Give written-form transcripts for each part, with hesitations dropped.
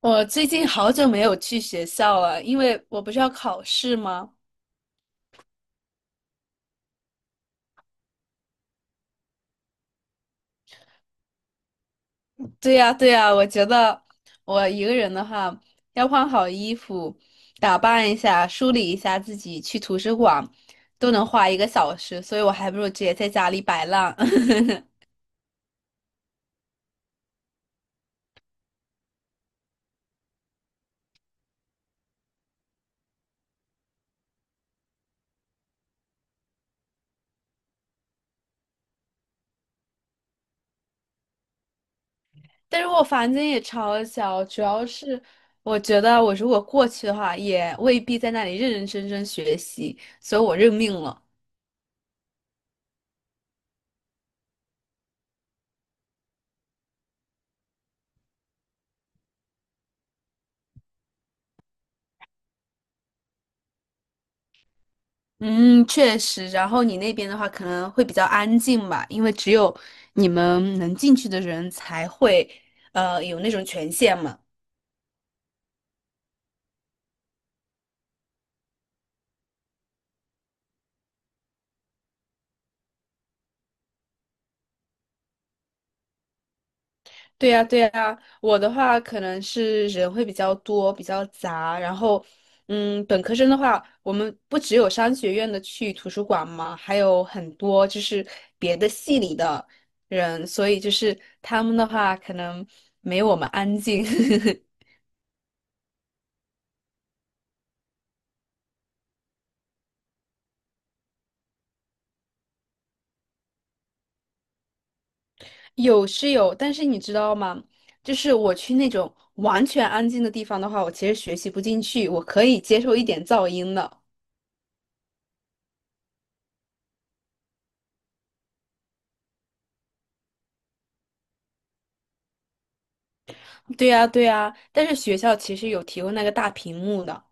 我最近好久没有去学校了，因为我不是要考试吗？对呀，对呀，我觉得我一个人的话，要换好衣服，打扮一下，梳理一下自己，去图书馆都能花1个小时，所以我还不如直接在家里摆烂。但是我房间也超小，主要是我觉得我如果过去的话，也未必在那里认认真真学习，所以我认命了。嗯，确实。然后你那边的话，可能会比较安静吧，因为只有你们能进去的人才会，有那种权限嘛。对呀，对呀。我的话，可能是人会比较多，比较杂。然后，本科生的话，我们不只有商学院的去图书馆嘛，还有很多就是别的系里的人，所以就是他们的话，可能没有我们安静。有是有，但是你知道吗？就是我去那种完全安静的地方的话，我其实学习不进去，我可以接受一点噪音的。对呀，对呀，但是学校其实有提供那个大屏幕的。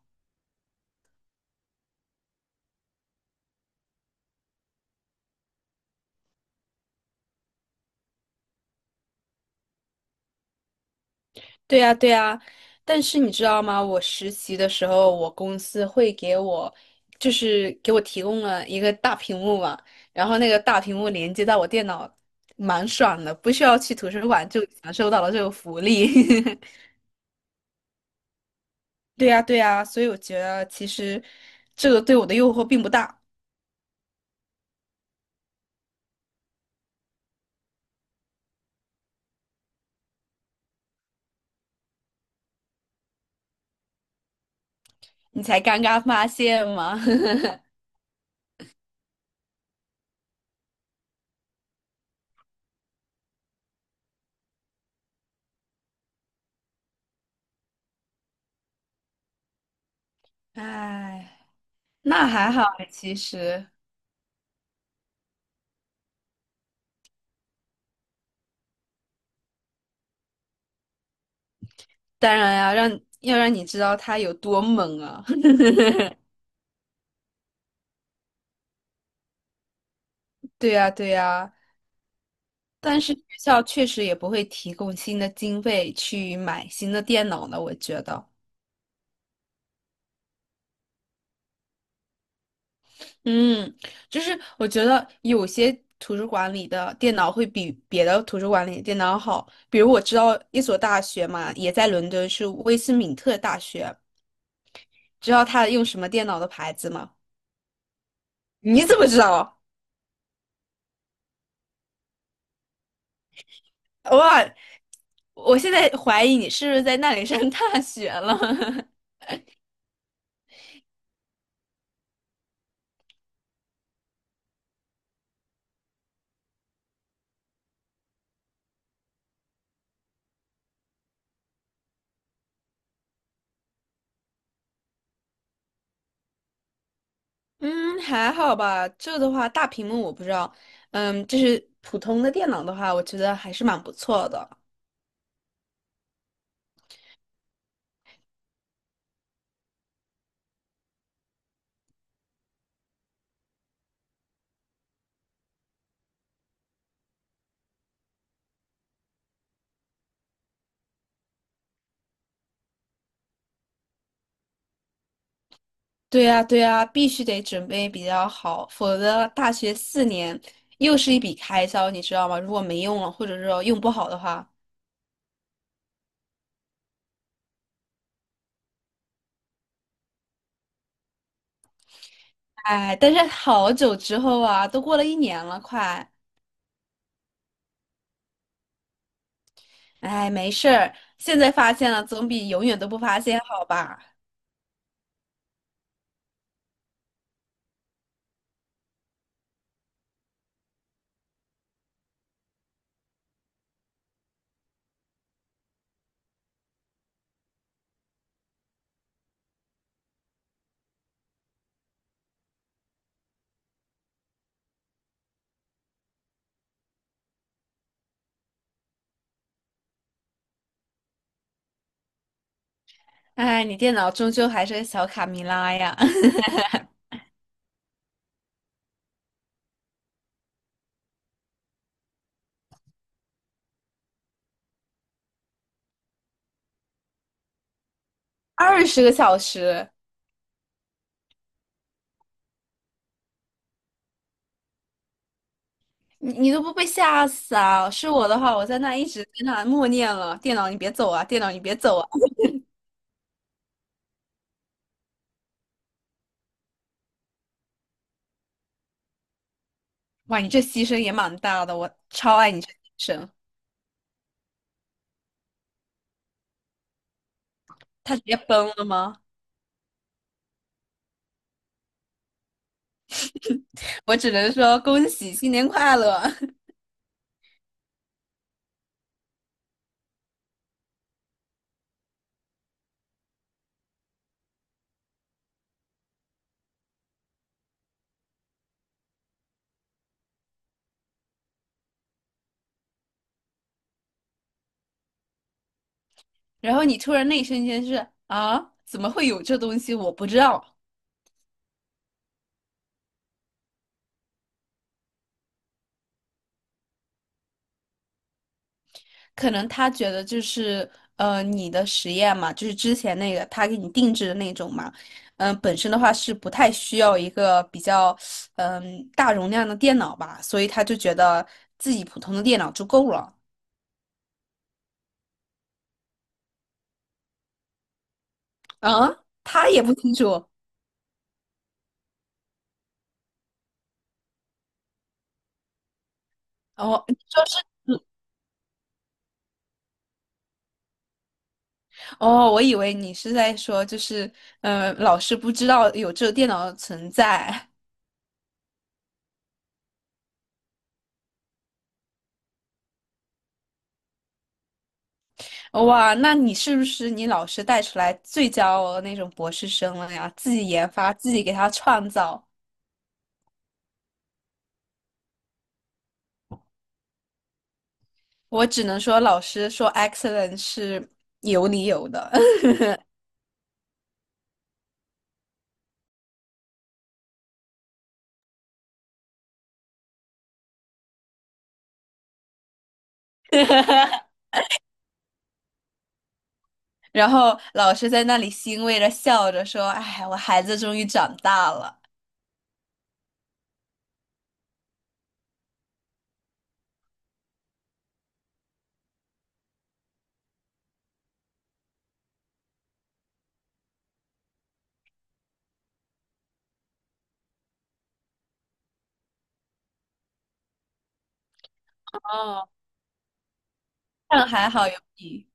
对呀，对呀，但是你知道吗？我实习的时候，我公司会给我，就是给我提供了一个大屏幕嘛，然后那个大屏幕连接到我电脑，蛮爽的，不需要去图书馆就享受到了这个福利。对呀，对呀，所以我觉得其实这个对我的诱惑并不大，你才刚刚发现吗？哎，那还好哎其实，当然呀，让要让你知道它有多猛啊！对呀，对呀，但是学校确实也不会提供新的经费去买新的电脑呢，我觉得。嗯，就是我觉得有些图书馆里的电脑会比别的图书馆里的电脑好。比如我知道一所大学嘛，也在伦敦，是威斯敏特大学。知道他用什么电脑的牌子吗？你怎么知道？哇，我现在怀疑你是不是在那里上大学了。嗯，还好吧。这的话，大屏幕我不知道。嗯，就是普通的电脑的话，我觉得还是蛮不错的。对呀，对呀，必须得准备比较好，否则大学4年又是一笔开销，你知道吗？如果没用了，或者是说用不好的话，哎，但是好久之后啊，都过了一年了，快，哎，没事儿，现在发现了总比永远都不发现好吧？哎，你电脑终究还是个小卡米拉呀，20个小时，你你都不被吓死啊？是我的话，我在那一直跟他默念了，电脑你别走啊，电脑你别走啊。哇，你这牺牲也蛮大的，我超爱你这牺牲。他直接崩了吗？我只能说恭喜新年快乐。然后你突然那一瞬间是啊，怎么会有这东西？我不知道。可能他觉得就是你的实验嘛，就是之前那个他给你定制的那种嘛，本身的话是不太需要一个比较大容量的电脑吧，所以他就觉得自己普通的电脑就够了。啊，他也不清楚。哦，你说是哦，我以为你是在说，就是，嗯，老师不知道有这个电脑的存在。哇，那你是不是你老师带出来最骄傲的那种博士生了呀？自己研发，自己给他创造。我只能说，老师说 excellent 是有理由的。然后老师在那里欣慰的笑着说：“哎，我孩子终于长大了。”哦，但还好有你。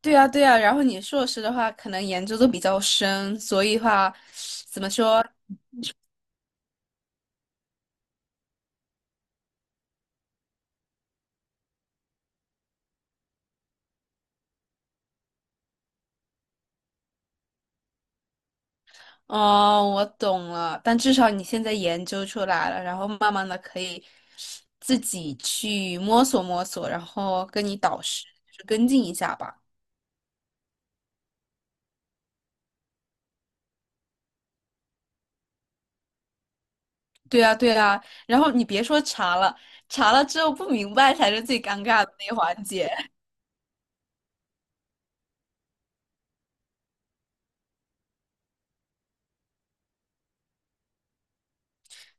对啊，对啊，然后你硕士的话，可能研究都比较深，所以话，怎么说？哦，我懂了。但至少你现在研究出来了，然后慢慢的可以自己去摸索摸索，然后跟你导师就是跟进一下吧。对啊，对啊。然后你别说查了，查了之后不明白才是最尴尬的那一环节，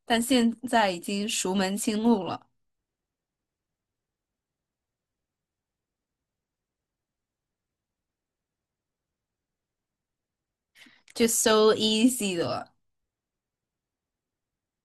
但现在已经熟门清路了，就 so easy 了。